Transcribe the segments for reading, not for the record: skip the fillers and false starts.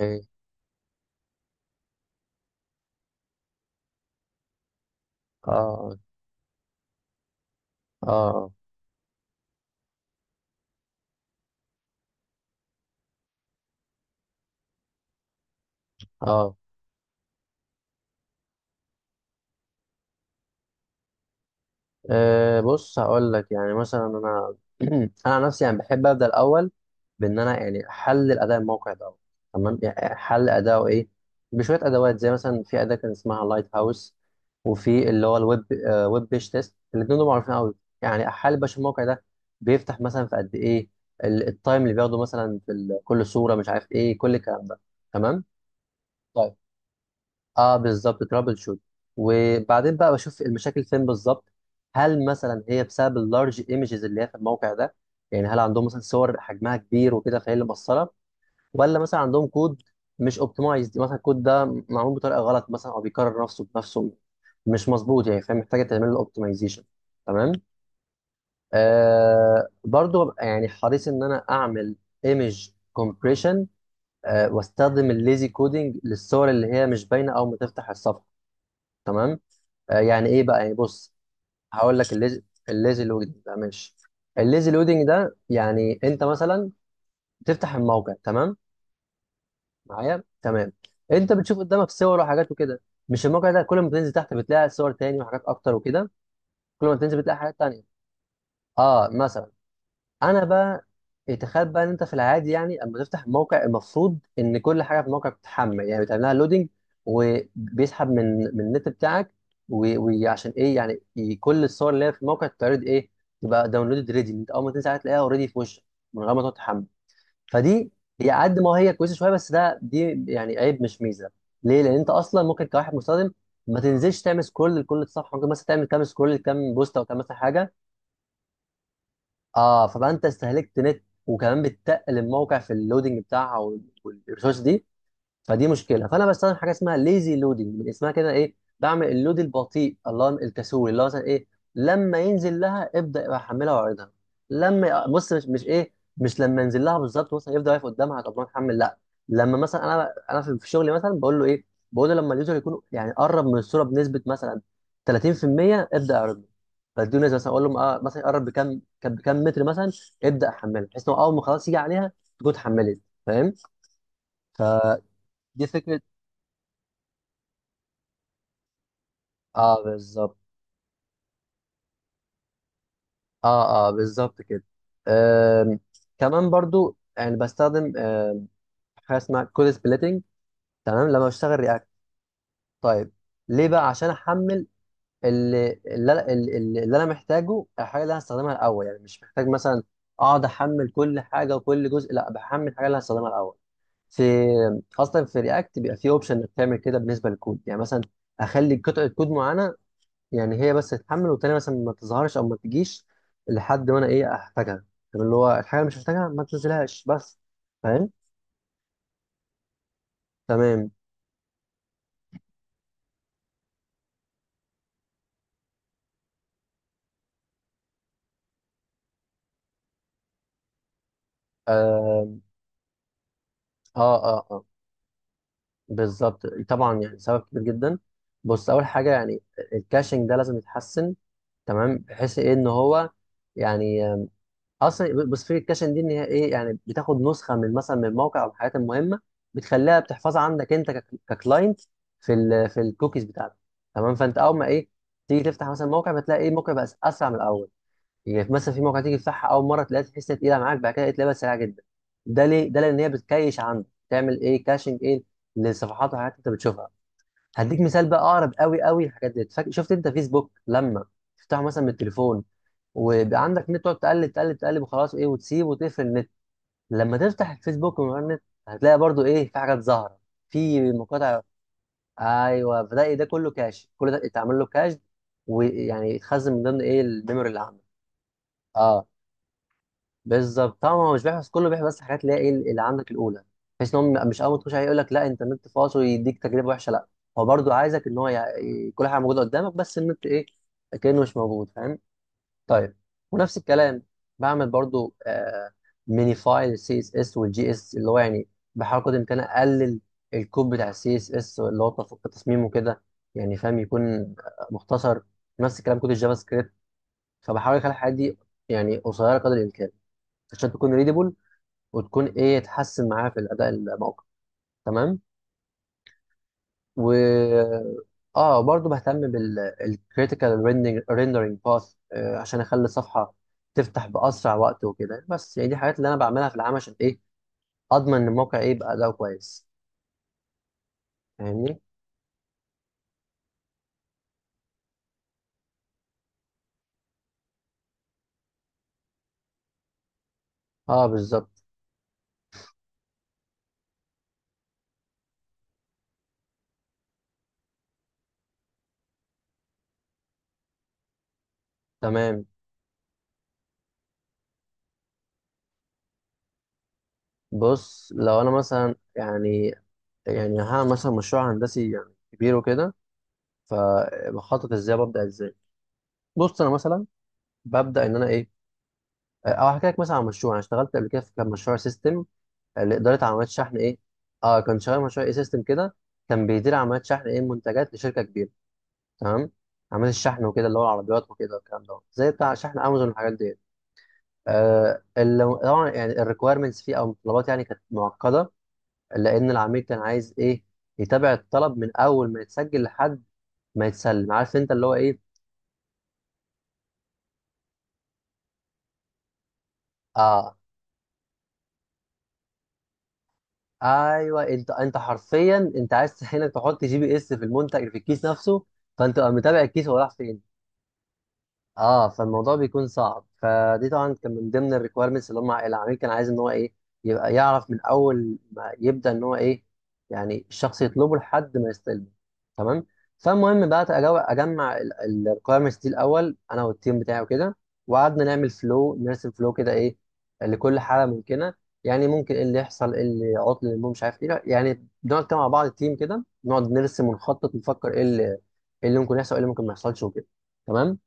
ايه اه اه اه آه، بص، هقول لك يعني مثلا انا انا عن نفسي يعني بحب ابدا الاول بان انا يعني احلل اداء الموقع ده. تمام، يعني احلل اداؤه ايه بشويه ادوات، زي مثلا في اداه كان اسمها لايت هاوس، وفي اللي هو الويب ويب بيج تيست. الاثنين دول معروفين قوي. يعني احلل باش الموقع ده بيفتح مثلا في قد ايه التايم اللي بياخده مثلا في كل صوره، مش عارف ايه كل الكلام ده. تمام. طيب، اه بالظبط ترابل شوت، وبعدين بقى بشوف المشاكل فين بالظبط. هل مثلا هي بسبب اللارج ايمجز اللي هي في الموقع ده؟ يعني هل عندهم مثلا صور حجمها كبير وكده فهي اللي مقصره، ولا مثلا عندهم كود مش اوبتمايزد؟ مثلا الكود ده معمول بطريقه غلط مثلا، او بيكرر نفسه بنفسه، مش مظبوط يعني، فهي محتاجه تعمل له اوبتمايزيشن. تمام. آه، برضو ببقى يعني حريص ان انا اعمل ايمج كومبريشن، آه واستخدم الليزي كودينج للصور اللي هي مش باينه او ما تفتح الصفحه. تمام. آه، يعني ايه بقى، يعني بص هقول لك. الليزي لودنج ده ماشي. الليزي لودنج ده يعني انت مثلا تفتح الموقع، تمام معايا؟ تمام. انت بتشوف قدامك صور وحاجات وكده، مش الموقع ده كل ما تنزل تحت بتلاقي صور تاني وحاجات اكتر وكده؟ كل ما تنزل بتلاقي حاجات تانية. اه مثلا. انا بقى إيه، تخيل بقى ان انت في العادي يعني اما تفتح الموقع، المفروض ان كل حاجه في الموقع بتتحمل، يعني بتعملها لودنج، وبيسحب من النت بتاعك. و- وعشان ايه يعني كل الصور اللي هي في الموقع تتعرض ايه، تبقى داونلودد ريدي، انت اول ما تنزل عليها تلاقيها اوريدي في وشك، من غير ما تقعد تحمل. فدي هي قد ما هي كويسه شويه، بس دي يعني عيب مش ميزه. ليه؟ لان انت اصلا ممكن كواحد مستخدم ما تنزلش تعمل سكرول لكل الصفحه، ممكن مثلا تعمل كام سكرول لكام بوست او كام مثلا حاجه. اه، فبقى انت استهلكت نت، وكمان بتقل الموقع في اللودنج بتاعها والريسورس دي. فدي مشكله، فانا بستخدم حاجه اسمها ليزي لودنج، من اسمها كده ايه، بعمل اللود البطيء، الله الكسول، اللي هو مثلا ايه، لما ينزل لها ابدا يبقى احملها واعرضها. لما بص مش, مش ايه مش لما ينزل لها بالظبط مثلا، يفضل واقف قدامها، طب ما نحمل، لا. لما مثلا انا في شغلي مثلا بقول له ايه، بقول له لما اليوزر يكون يعني قرب من الصوره بنسبه مثلا 30% ابدا اعرضه. بديه نسبه مثلا، اقول له آه مثلا يقرب بكام بكام متر مثلا ابدا احمله، بحيث انه اول ما خلاص يجي عليها تكون اتحملت. فاهم؟ فدي فكره. اه بالظبط. اه اه بالظبط كده. آم، كمان برضو يعني بستخدم حاجه اسمها كود سبليتنج، تمام، لما بشتغل رياكت. طيب، ليه بقى؟ عشان احمل اللي اللي, أنا- اللي, اللي انا محتاجه، الحاجه اللي انا هستخدمها الاول، يعني مش محتاج مثلا اقعد احمل كل حاجه وكل جزء، لا بحمل الحاجه اللي أنا هستخدمها الاول. في خاصه في رياكت بيبقى في اوبشن انك تعمل كده بالنسبه للكود، يعني مثلا اخلي قطعه كود معينه يعني هي بس تتحمل، والتانية مثلا ما تظهرش او ما تجيش لحد ما انا ايه احتاجها. طب اللي هو الحاجه اللي مش محتاجها ما تنزلهاش بس. فاهم؟ تمام. اه اه اه, آه. بالظبط طبعا، يعني سبب كبير جدا. بص اول حاجه يعني، الكاشنج ده لازم يتحسن، تمام، بحيث ايه ان هو يعني اصل بص في الكاشن دي ان هي ايه، يعني بتاخد نسخه من مثلا من موقع او الحاجات المهمه، بتخليها بتحفظها عندك انت ككلاينت في في الكوكيز بتاعتك. تمام، فانت اول ما ايه تيجي تفتح مثلا موقع بتلاقي ايه الموقع بقى اسرع من الاول. يعني مثلا في موقع تيجي تفتحها اول مره تلاقيها تحس إنها تقيله معاك، بعد كده تلاقيها بقت سريعه جدا. ده ليه؟ ده لان هي بتكيش عندك، تعمل ايه، كاشنج ايه للصفحات والحاجات اللي انت بتشوفها. هديك مثال بقى اقرب قوي قوي الحاجات دي. شفت انت فيسبوك لما تفتحه مثلا من التليفون، ويبقى عندك نت، تقعد تقلب تقلب وخلاص ايه، وتسيب وتقفل النت، لما تفتح الفيسبوك من غير نت هتلاقي برضو ايه في حاجات ظاهره، في مقاطع. ايوه، فده إيه، ده كله كاش، كل ده اتعمل له كاش، ويعني يتخزن من ضمن ايه الميموري اللي عندك. اه بالظبط طبعا، هو مش بيحفظ كله، بيحفظ بس حاجات اللي هي ايه اللي عندك الاولى، بحيث ان هو مش اول ما تخش عليه يقول لك لا انت النت فاصل ويديك تجربه وحشه، لا، هو برضو عايزك ان هو كل حاجه موجوده قدامك، بس النت ايه، كانه مش موجود. فاهم؟ طيب. ونفس الكلام بعمل برضو آه ميني فايل السي اس اس والجي اس، اللي هو يعني بحاول قدر الامكان اقلل الكود بتاع السي اس اس اللي هو التصميم وكده، يعني فاهم، يكون آه، مختصر. نفس الكلام كود الجافا سكريبت. فبحاول اخلي الحاجات دي يعني قصيره قدر الامكان، عشان تكون ريدبل، وتكون ايه تحسن معايا في الاداء الموقع. تمام. و اه برضو بهتم بالكريتيكال rendering باث، عشان اخلي الصفحه تفتح باسرع وقت وكده. بس يعني دي حاجات اللي انا بعملها في العام عشان ايه، اضمن ان الموقع ايه يبقى اداؤه كويس. فاهمني؟ اه بالظبط. تمام. بص لو انا مثلا يعني، يعني هعمل مثلا مشروع هندسي يعني كبير وكده، فبخطط ازاي، ببدا ازاي. بص انا مثلا ببدا ان انا ايه، او هحكي لك مثلا عن مشروع انا اشتغلت قبل كده في، كان مشروع سيستم لاداره عمليات الشحن ايه. اه كان شغال مشروع اي سيستم كده، كان بيدير عمليات شحن ايه منتجات لشركه كبيره. تمام. عمليات الشحن وكده، اللي هو العربيات وكده والكلام ده، زي بتاع شحن امازون والحاجات دي. آه اللي طبعا يعني الريكويرمنتس فيه او الطلبات يعني كانت معقده، لان العميل كان عايز ايه يتابع الطلب من اول ما يتسجل لحد ما يتسلم، عارف انت اللي هو ايه. اه ايوه، انت حرفيا انت عايز هنا تحط جي بي اس في المنتج في الكيس نفسه، فانت تبقى متابع الكيس هو راح فين. اه، فالموضوع بيكون صعب. فدي طبعا كان من ضمن الريكويرمنتس اللي هم العميل كان عايز ان هو ايه يبقى يعرف من اول ما يبدا ان هو ايه، يعني الشخص يطلبه لحد ما يستلمه. تمام. فالمهم بقى اجمع الريكويرمنتس دي الاول انا والتيم بتاعي وكده، وقعدنا نعمل فلو، نرسم فلو كده ايه لكل حاله ممكنه. يعني ممكن ايه اللي يحصل، ايه اللي عطل، اللي مش عارف ايه، يعني بنقعد كده مع بعض التيم كده نقعد نرسم ونخطط، نفكر ايه اللي إيه اللي ممكن يحصل، ايه اللي ممكن ما يحصلش وكده. تمام.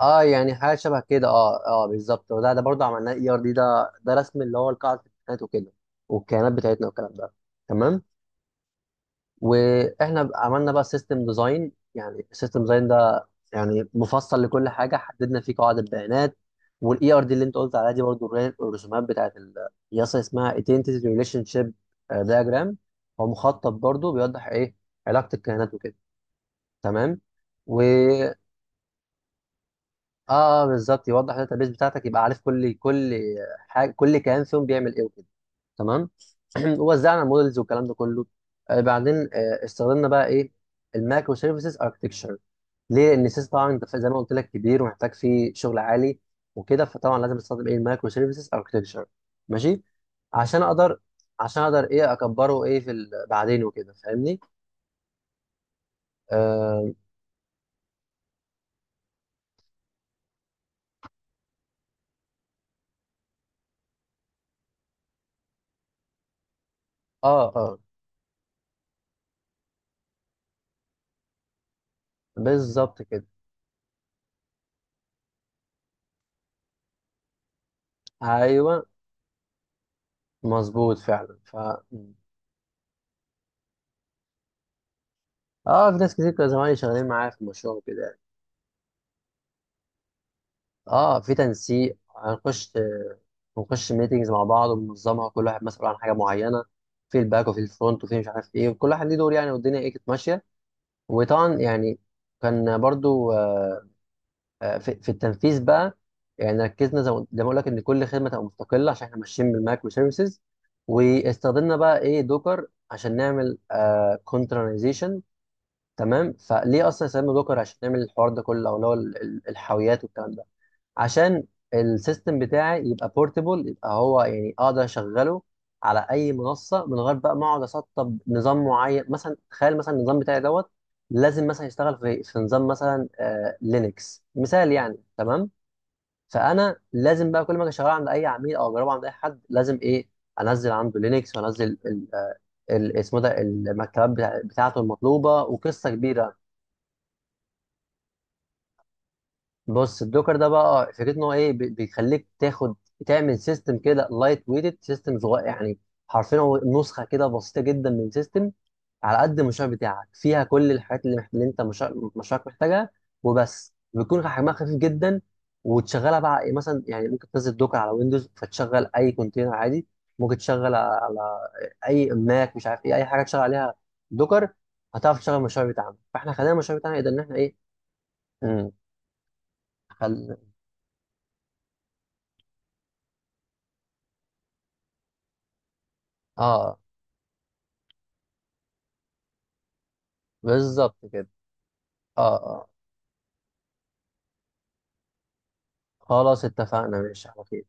اه يعني حاجه شبه كده، اه اه بالظبط، وده ده برضه عملناه، اي ار دي، ده ده رسم اللي هو القاعده الكائنات وكده والكيانات بتاعتنا والكلام ده. تمام. واحنا بقى عملنا بقى سيستم ديزاين. يعني السيستم ديزاين ده يعني مفصل لكل حاجه، حددنا فيه قواعد البيانات. والاي ار دي اللي انت قلت عليها دي برضه الرسومات بتاعت القياس اسمها ايدنتيتي ريليشن شيب دياجرام، هو مخطط برضه بيوضح ايه علاقه الكائنات وكده. تمام. اه بالظبط يوضح الداتا بيس بتاعتك، يبقى عارف كل حاجه، كل كيان فيهم بيعمل ايه وكده. تمام. ووزعنا مودلز والكلام ده كله. آه بعدين آه استخدمنا بقى ايه المايكرو سيرفيسز اركتكتشر. ليه؟ لان السيس طبعا انت زي ما قلت لك كبير ومحتاج فيه شغل عالي وكده، فطبعا لازم استخدم ايه المايكرو سيرفيسز اركتكتشر. ماشي. عشان اقدر، عشان اقدر ايه اكبره ايه في بعدين وكده، فاهمني؟ اه اه, آه بالظبط كده. ايوه مظبوط فعلا. ف اه في ناس كتير كانوا زمايلي شغالين معايا في المشروع وكده يعني. اه في تنسيق، بنخش ميتنجز مع بعض وننظمها، كل واحد مسؤول عن حاجه معينه، في الباك وفي الفرونت وفي مش عارف ايه، وكل واحد ليه دور يعني، والدنيا ايه كانت ماشيه. وطبعا يعني كان برضو في في التنفيذ بقى، يعني ركزنا زي ما اقول لك ان كل خدمه تبقى مستقله عشان احنا ماشيين بالمايكرو سيرفيسز. واستخدمنا بقى ايه دوكر عشان نعمل كونترنايزيشن. تمام. فليه اصلا يستخدموا دوكر عشان نعمل الحوار ده كله، او اللي هو الحاويات والكلام ده؟ عشان السيستم بتاعي يبقى بورتبل، يبقى هو يعني اقدر اشغله على اي منصه من غير بقى ما اقعد اسطب نظام معين. مثلا تخيل مثلا النظام بتاعي دوت، لازم مثلا يشتغل في في نظام مثلا آه لينكس مثال يعني. تمام. فانا لازم بقى كل ما اجي اشغله عند اي عميل او اجربه عند اي حد لازم ايه انزل عنده لينكس وانزل اسمه ده المكتبات بتاعته المطلوبه، وقصه كبيره. بص الدوكر ده بقى اه فكرته ان هو ايه بيخليك تاخد تعمل سيستم كده، لايت ويتد سيستم صغير يعني، حرفيا هو نسخه كده بسيطه جدا من سيستم على قد المشروع بتاعك، فيها كل الحاجات اللي انت مشروعك محتاجها وبس، بيكون حجمها خفيف جدا، وتشغلها بقى إيه مثلا. يعني ممكن تنزل دوكر على ويندوز فتشغل اي كونتينر عادي، ممكن تشغل على اي ماك، مش عارف ايه، اي حاجه تشغل عليها دوكر هتعرف تشغل المشروع بتاعنا. فاحنا خلينا المشروع بتاعنا يقدر ان احنا ايه. مم. خل... اه بالظبط كده. اه اه. خلاص اتفقنا، ماشي على خير.